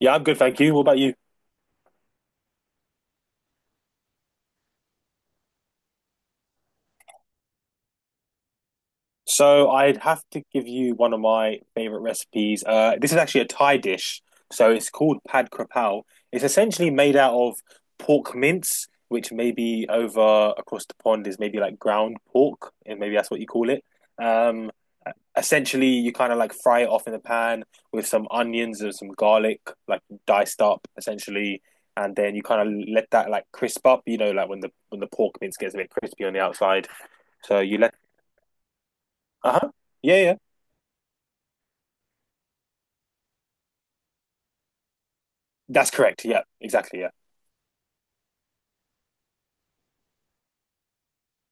Yeah, I'm good, thank you. What about you? So I'd have to give you one of my favorite recipes. This is actually a Thai dish, so it's called pad krapao. It's essentially made out of pork mince, which maybe over across the pond is maybe like ground pork, and maybe that's what you call it. Um, Essentially, you kind of like fry it off in the pan with some onions and some garlic, like diced up, essentially. And then you kind of let that like crisp up, you know, like when the pork mince gets a bit crispy on the outside. So you let. Uh-huh. Yeah, yeah. That's correct. Yeah, exactly. Yeah.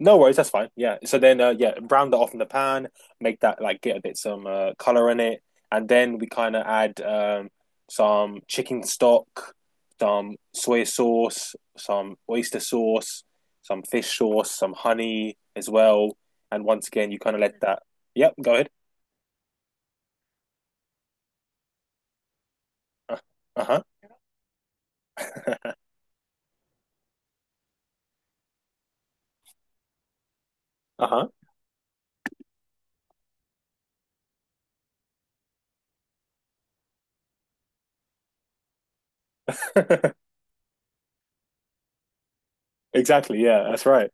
No worries, that's fine. Yeah. So then yeah, brown that off in the pan, make that like get a bit some color in it, and then we kind of add some chicken stock, some soy sauce, some oyster sauce, some fish sauce, some honey as well. And once again, you kind of let that. Yep, go ahead. Uh, Uh-huh. Uh-huh. Exactly. Yeah, that's right.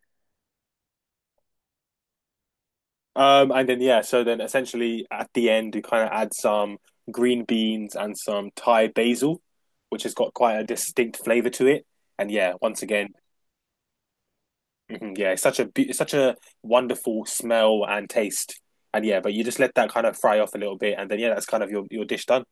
And then yeah, so then essentially at the end you kind of add some green beans and some Thai basil, which has got quite a distinct flavor to it. And yeah, once again, mhm, yeah, it's such a wonderful smell and taste. And yeah, but you just let that kind of fry off a little bit, and then yeah, that's kind of your dish done.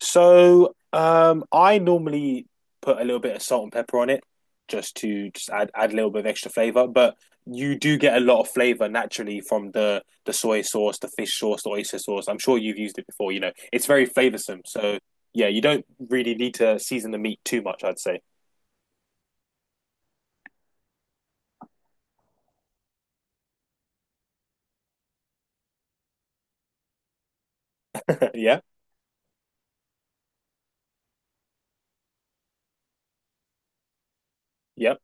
So I normally put a little bit of salt and pepper on it just to just add a little bit of extra flavor. But you do get a lot of flavor naturally from the soy sauce, the fish sauce, the oyster sauce. I'm sure you've used it before. You know, it's very flavorsome. So yeah, you don't really need to season the meat too much, I'd say. Yeah, yeah.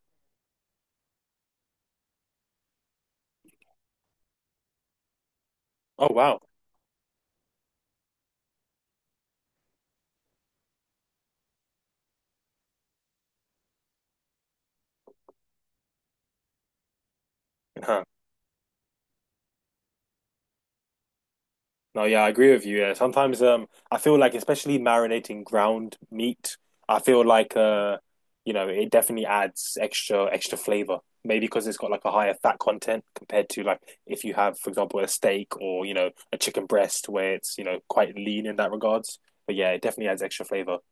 Oh wow. No, yeah, I agree with you. Yeah, sometimes I feel like especially marinating ground meat, I feel like you know, it definitely adds extra flavor. Maybe because it's got like a higher fat content compared to like if you have, for example, a steak or you know a chicken breast where it's you know quite lean in that regards. But yeah, it definitely adds extra flavor.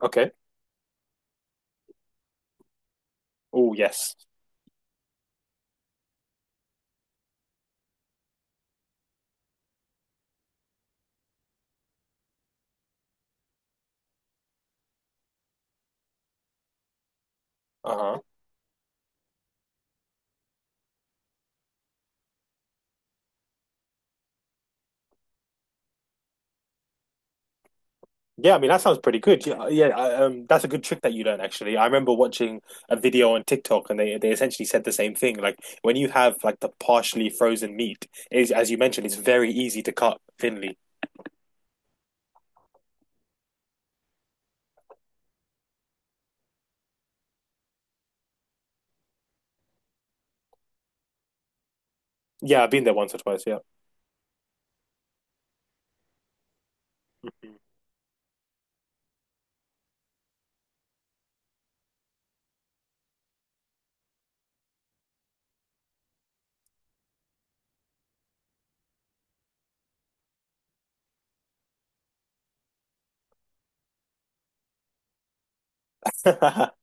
Okay. Oh yes. Uh-huh. Yeah, I mean that sounds pretty good. Yeah, yeah, that's a good trick that you learn actually. I remember watching a video on TikTok and they essentially said the same thing. Like when you have like the partially frozen meat, is as you mentioned, it's very easy to cut thinly. Yeah, I've been there once or twice, yeah.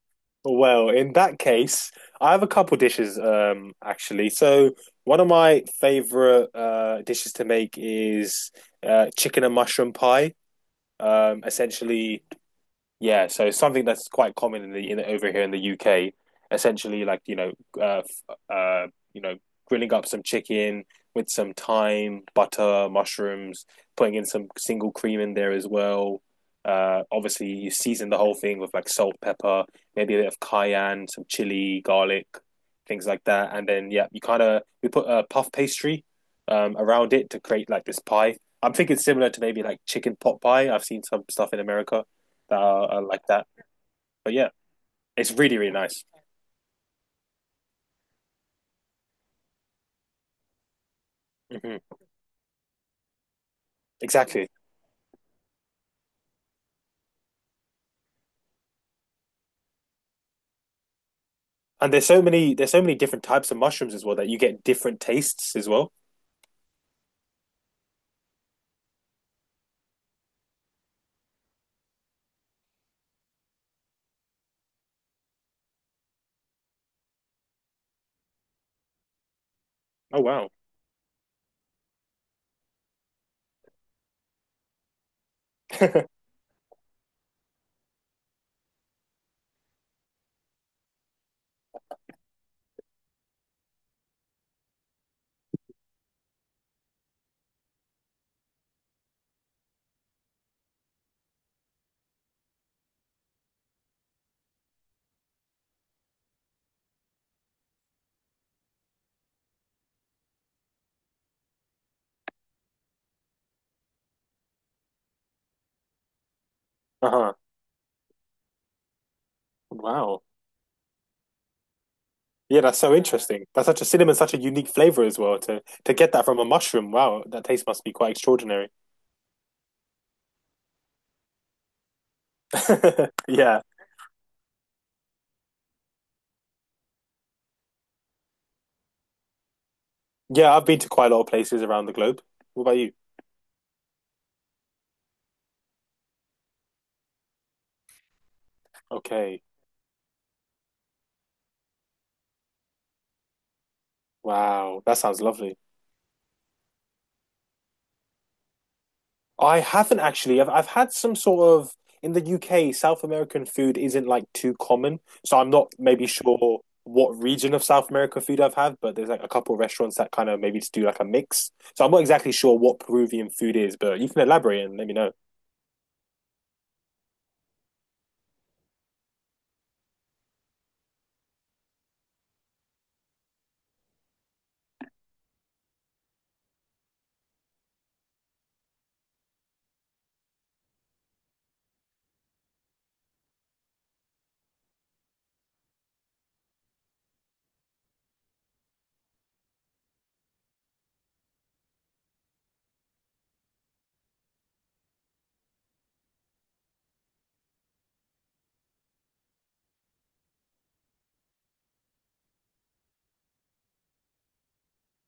Well, in that case, I have a couple dishes actually. So one of my favorite dishes to make is chicken and mushroom pie. Essentially. Yeah, so something that's quite common in the in over here in the UK, essentially like, you know, uh, f- uh, you know, grilling up some chicken with some thyme, butter, mushrooms, putting in some single cream in there as well. Obviously you season the whole thing with like salt, pepper, maybe a bit of cayenne, some chili, garlic, things like that. And then yeah, you kind of we put a puff pastry around it to create like this pie. I'm thinking similar to maybe like chicken pot pie. I've seen some stuff in America that are like that. But yeah, it's really nice. Hmm. Exactly. And there's so many different types of mushrooms as well that you get different tastes as well. Oh wow. Uh-huh. Wow. Yeah, that's so interesting. That's such a cinnamon, such a unique flavor as well. To get that from a mushroom, wow, that taste must be quite extraordinary. Yeah. Yeah, I've been to quite a lot of places around the globe. What about you? Okay. Wow. That sounds lovely. I haven't actually. I've had some sort of in the UK, South American food isn't like too common, so I'm not maybe sure what region of South American food I've had, but there's like a couple of restaurants that kind of maybe just do like a mix. So I'm not exactly sure what Peruvian food is, but you can elaborate and let me know.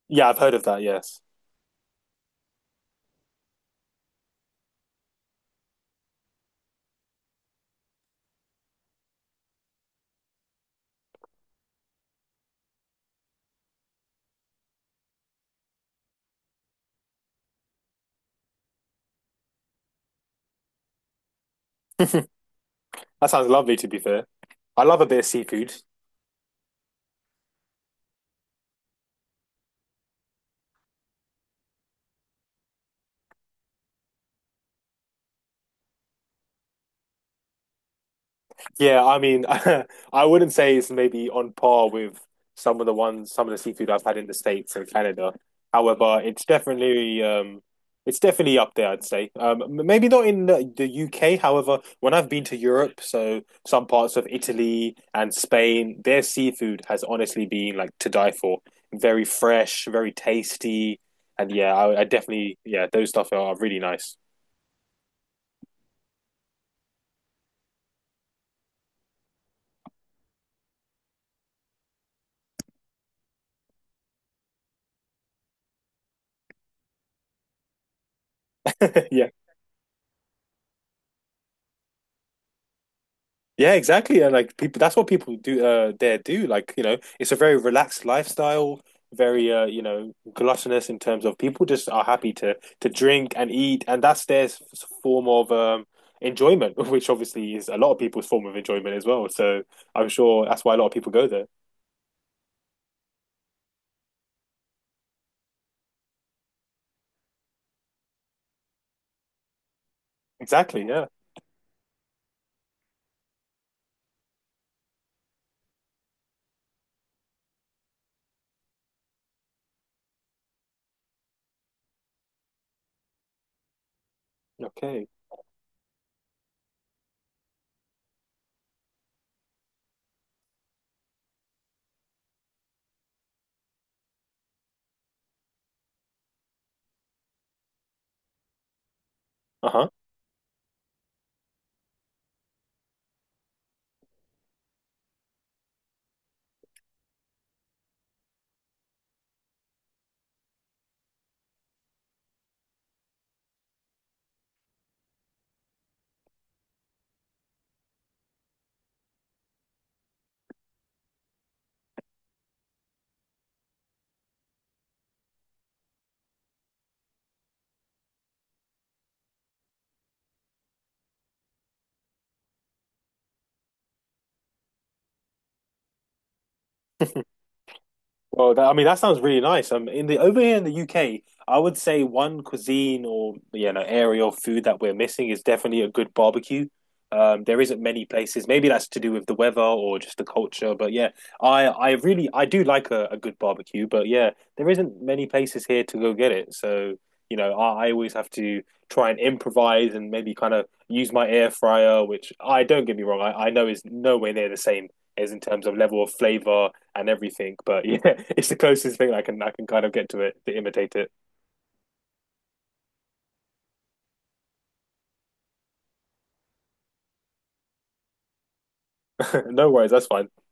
Yeah, I've heard of that, yes. That sounds lovely to be fair. I love a bit of seafood. Yeah, I mean, I wouldn't say it's maybe on par with some of the seafood I've had in the States and Canada. However, it's definitely up there, I'd say. Maybe not in the UK. However, when I've been to Europe, so some parts of Italy and Spain, their seafood has honestly been like to die for. Very fresh, very tasty, and yeah, I definitely, yeah, those stuff are really nice. Yeah. Yeah, exactly. And like people, that's what people do there do. Like, you know, it's a very relaxed lifestyle, very you know, gluttonous in terms of people just are happy to drink and eat, and that's form of enjoyment, which obviously is a lot of people's form of enjoyment as well. So I'm sure that's why a lot of people go there. Exactly. Yeah. Okay. Uh-huh. Well, that, I mean, that sounds really nice. In the Over here in the UK, I would say one cuisine or you know area of food that we're missing is definitely a good barbecue. There isn't many places. Maybe that's to do with the weather or just the culture. But yeah, I really I do like a good barbecue. But yeah, there isn't many places here to go get it. So you know, I always have to try and improvise and maybe kind of use my air fryer, which I don't get me wrong, I know is nowhere near the same as in terms of level of flavor and everything. But yeah, it's the closest thing I can kind of get to it to imitate it. No worries, that's fine.